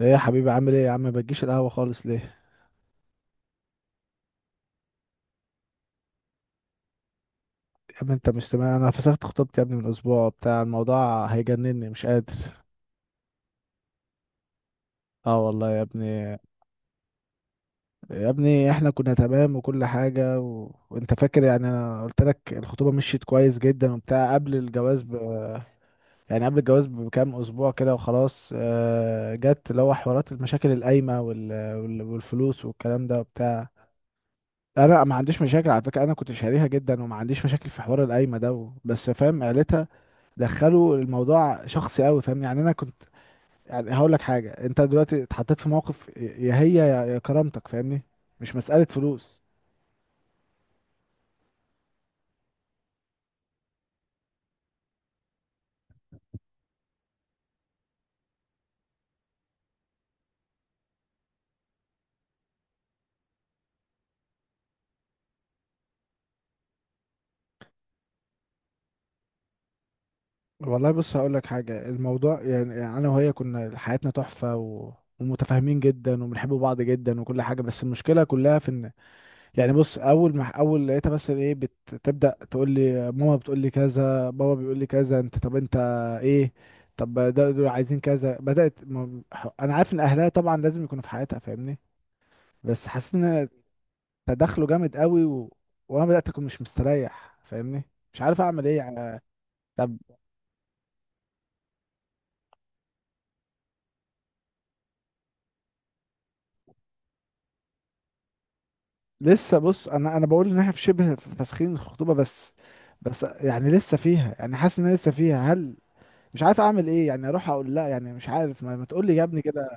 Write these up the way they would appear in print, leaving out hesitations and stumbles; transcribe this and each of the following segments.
ايه يا حبيبي، عامل ايه يا عم؟ ما بتجيش القهوة خالص ليه؟ يا ابني انت مش تمام، انا فسخت خطوبتي يا ابني من اسبوع، بتاع الموضوع هيجنني مش قادر. اه والله يا ابني. يا ابني احنا كنا تمام وكل حاجة وانت فاكر، يعني انا قلت لك الخطوبة مشيت كويس جدا وبتاع قبل الجواز يعني قبل الجواز بكام اسبوع كده وخلاص. جت اللي هو حوارات المشاكل القايمة والفلوس والكلام ده وبتاع. انا ما عنديش مشاكل على فكرة، انا كنت شاريها جدا وما عنديش مشاكل في حوار القايمة ده بس فاهم عيلتها دخلوا الموضوع شخصي قوي، فاهم؟ يعني انا كنت، يعني هقول لك حاجه، انت دلوقتي اتحطيت في موقف يا هي يا كرامتك، فاهمني؟ مش مساله فلوس. والله بص هقول لك حاجة، الموضوع يعني أنا وهي كنا حياتنا تحفة ومتفاهمين جدا وبنحب بعض جدا وكل حاجة، بس المشكلة كلها في إن، يعني بص أول ما أول لقيتها مثلا إيه بتبدأ تقول لي ماما بتقول لي كذا، بابا بيقول لي كذا، أنت طب أنت إيه، طب ده دول عايزين كذا. بدأت أنا عارف إن أهلها طبعا لازم يكونوا في حياتها، فاهمني؟ بس حاسس ان تدخله جامد قوي وانا بدات اكون مش مستريح، فاهمني؟ مش عارف اعمل ايه يعني. طب لسه، بص انا بقول ان احنا في شبه فاسخين الخطوبه، بس يعني لسه فيها، يعني حاسس ان أنا لسه فيها. هل مش عارف اعمل ايه يعني؟ اروح اقول لا؟ يعني مش عارف. ما تقول لي يا ابني كده.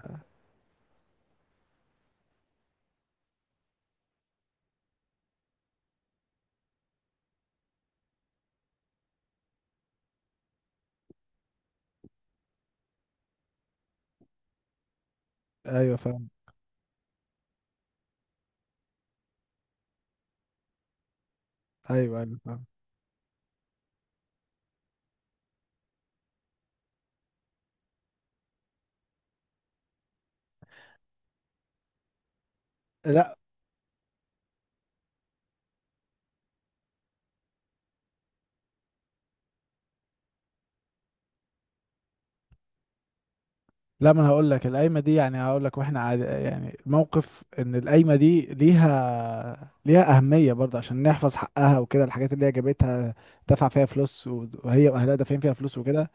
ايوه فاهم. ايوه ايوه فاهم. لا، لا، ما انا هقول لك القايمه دي، يعني هقول لك، واحنا عاد يعني الموقف ان القايمه دي ليها اهميه برضه عشان نحفظ حقها وكده، الحاجات اللي هي جابتها دفع فيها فلوس وهي واهلها دافعين فيها فلوس وكده.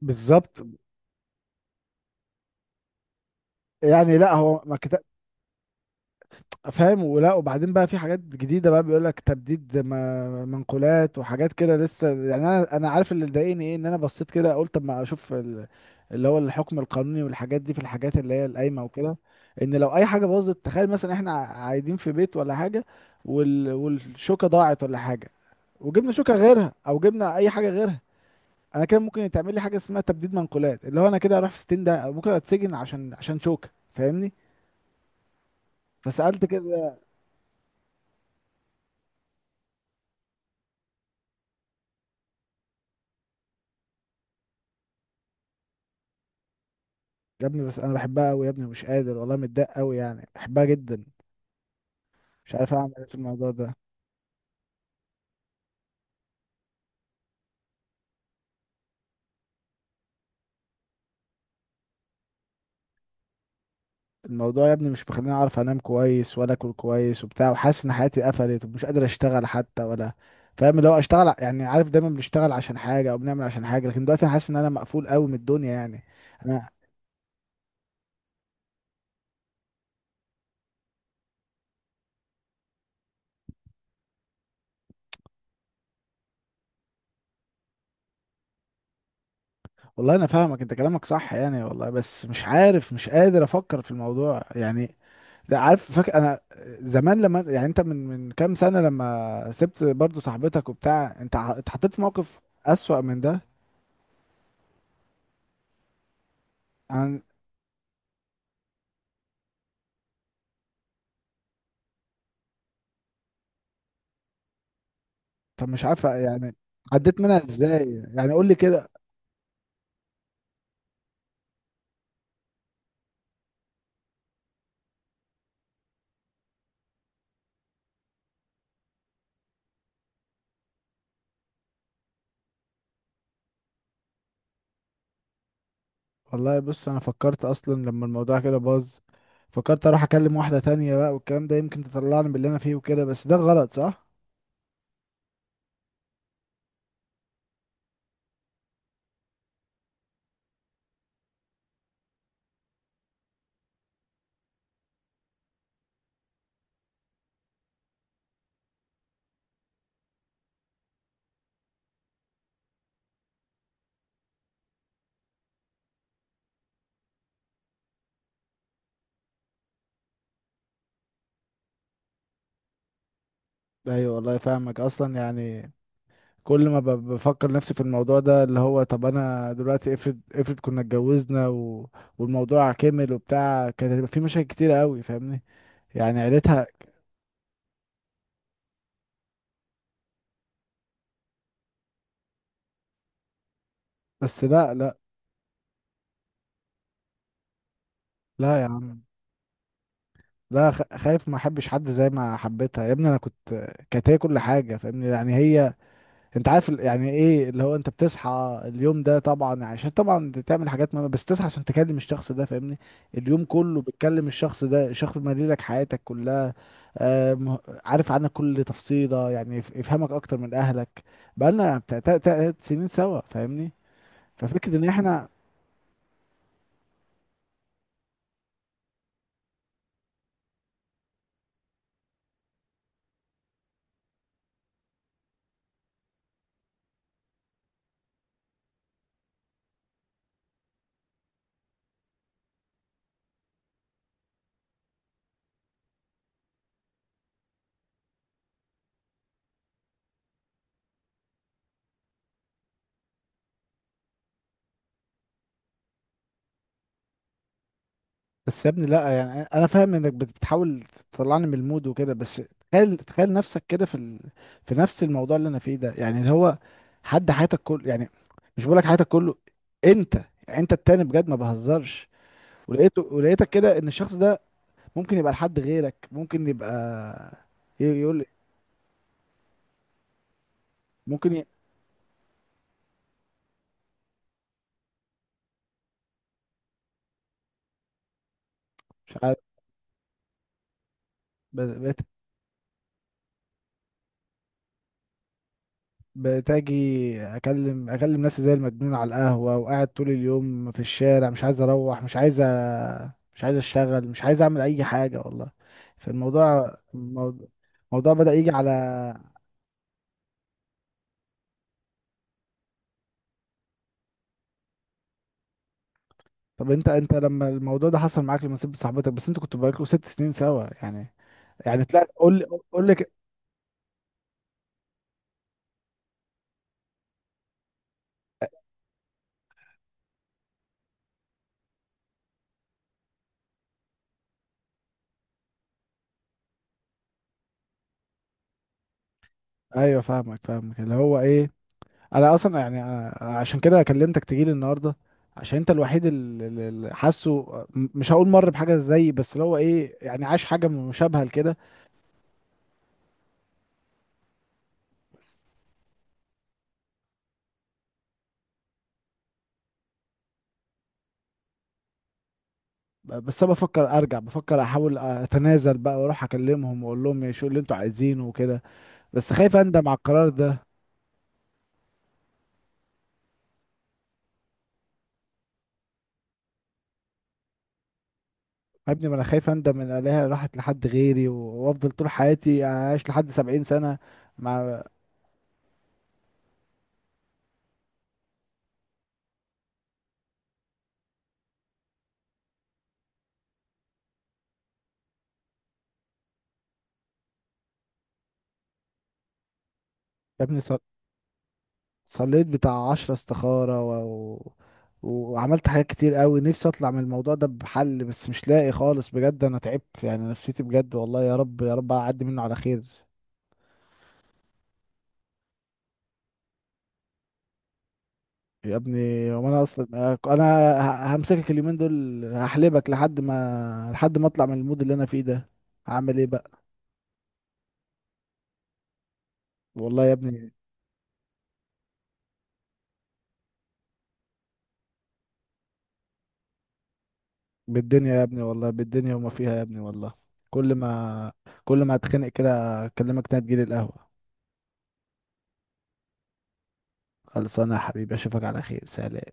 بالظبط. يعني لا، هو ما كت... فاهم؟ ولا وبعدين بقى في حاجات جديده، بقى بيقول لك تبديد منقولات وحاجات كده لسه، يعني انا، عارف اللي ضايقني ايه؟ ان انا بصيت كده قلت اما اشوف اللي هو الحكم القانوني والحاجات دي في الحاجات اللي هي القايمه وكده. ان لو اي حاجه باظت، تخيل مثلا احنا قاعدين في بيت ولا حاجه، والشوكه ضاعت ولا حاجه، وجبنا شوكه غيرها او جبنا اي حاجه غيرها، انا كده ممكن يتعمل لي حاجه اسمها تبديد منقولات، اللي هو انا كده اروح في ستين ده، ممكن اتسجن عشان شوكه، فاهمني؟ فسألت كده. يا ابني بس انا بحبها قوي يا ابني، مش قادر والله، متضايق قوي، يعني بحبها جدا، مش عارف اعمل ايه في الموضوع ده. الموضوع يا ابني مش مخليني اعرف انام كويس ولا اكل كويس وبتاع، وحاسس ان حياتي قفلت ومش قادر اشتغل حتى ولا، فاهم؟ اللي هو اشتغل يعني عارف دايما بنشتغل عشان حاجه او بنعمل عشان حاجه، لكن دلوقتي انا حاسس ان انا مقفول قوي من الدنيا يعني. انا والله انا فاهمك، انت كلامك صح يعني والله، بس مش عارف مش قادر افكر في الموضوع يعني. ده عارف، فاكر انا زمان لما، يعني انت من كام سنه لما سبت برضو صاحبتك وبتاع، انت اتحطيت في موقف اسوأ من ده. انا طب مش عارف يعني، عديت منها ازاي يعني؟ قول لي كده. والله بص انا فكرت اصلا لما الموضوع كده باظ، فكرت اروح اكلم واحده تانية بقى والكلام ده، يمكن تطلعني من اللي انا فيه وكده، بس ده غلط صح؟ ايوه والله فاهمك اصلا يعني. كل ما بفكر نفسي في الموضوع ده، اللي هو طب انا دلوقتي افرض، افرض كنا اتجوزنا والموضوع كمل وبتاع، كانت هتبقى في مشاكل كتيرة قوي، فاهمني؟ يعني عيلتها. بس لا لا. لا يا عم. لا، خايف ما احبش حد زي ما حبيتها يا ابني، انا كنت، كانت هي كل حاجة، فاهمني؟ يعني هي، انت عارف يعني ايه اللي هو انت بتصحى اليوم ده طبعا عشان طبعا تعمل حاجات مهمة، بس تصحى عشان تكلم الشخص ده، فاهمني؟ اليوم كله بتكلم الشخص ده، الشخص ده مالي لك حياتك كلها. عارف عنك كل تفصيلة، يعني يفهمك اكتر من اهلك، بقالنا بتاع 3 سنين سوا، فاهمني؟ ففكرة ان احنا، بس يا ابني لا يعني انا فاهم انك بتحاول تطلعني من المود وكده، بس تخيل، تخيل نفسك كده في في نفس الموضوع اللي انا فيه ده، يعني اللي هو حد حياتك كله يعني، مش بقولك حياتك كله انت، يعني انت التاني بجد ما بهزرش، ولقيتك كده ان الشخص ده ممكن يبقى لحد غيرك، ممكن يبقى يقول، ممكن مش عارف. بتاجي اكلم، نفسي زي المجنون على القهوة وقاعد طول اليوم في الشارع، مش عايز اروح، مش عايز مش عايز اشتغل، مش عايز اعمل اي حاجة والله. فالموضوع الموضوع الموضوع بدأ يجي على. طب انت، انت لما الموضوع ده حصل معاك لما سبت صاحبتك بس، انتوا كنتوا بقالكوا 6 سنين سوا يعني، يعني طلعت قول لي. قول لك. ايوه فاهمك فاهمك، اللي هو ايه، انا اصلا يعني أنا عشان كده كلمتك تجيلي النهارده، عشان انت الوحيد اللي حاسه، مش هقول مر بحاجه زيي، بس اللي هو ايه، يعني عاش حاجه مشابهه لكده. بس انا بفكر ارجع، بفكر احاول اتنازل بقى واروح اكلمهم واقول لهم ايه، شو اللي انتوا عايزينه وكده، بس خايف اندم على القرار ده. يا ابني ما انا خايف اندم ان الاقيها راحت لحد غيري وافضل طول حياتي اعيش لحد 70 سنه مع. يا ابني صليت بتاع 10 استخارة وعملت حاجات كتير قوي، نفسي اطلع من الموضوع ده بحل بس مش لاقي خالص بجد، انا تعبت يعني نفسيتي بجد والله، يا رب يا رب اعدي منه على خير. يا ابني وانا اصلا، انا همسكك اليومين دول، هحلبك لحد ما اطلع من المود اللي انا فيه ده، هعمل ايه بقى؟ والله يا ابني، بالدنيا يا ابني والله، بالدنيا وما فيها يا ابني والله. كل ما كل ما اتخنق كده اكلمك تاني تجيلي القهوة. خلصانه يا حبيبي، اشوفك على خير. سلام.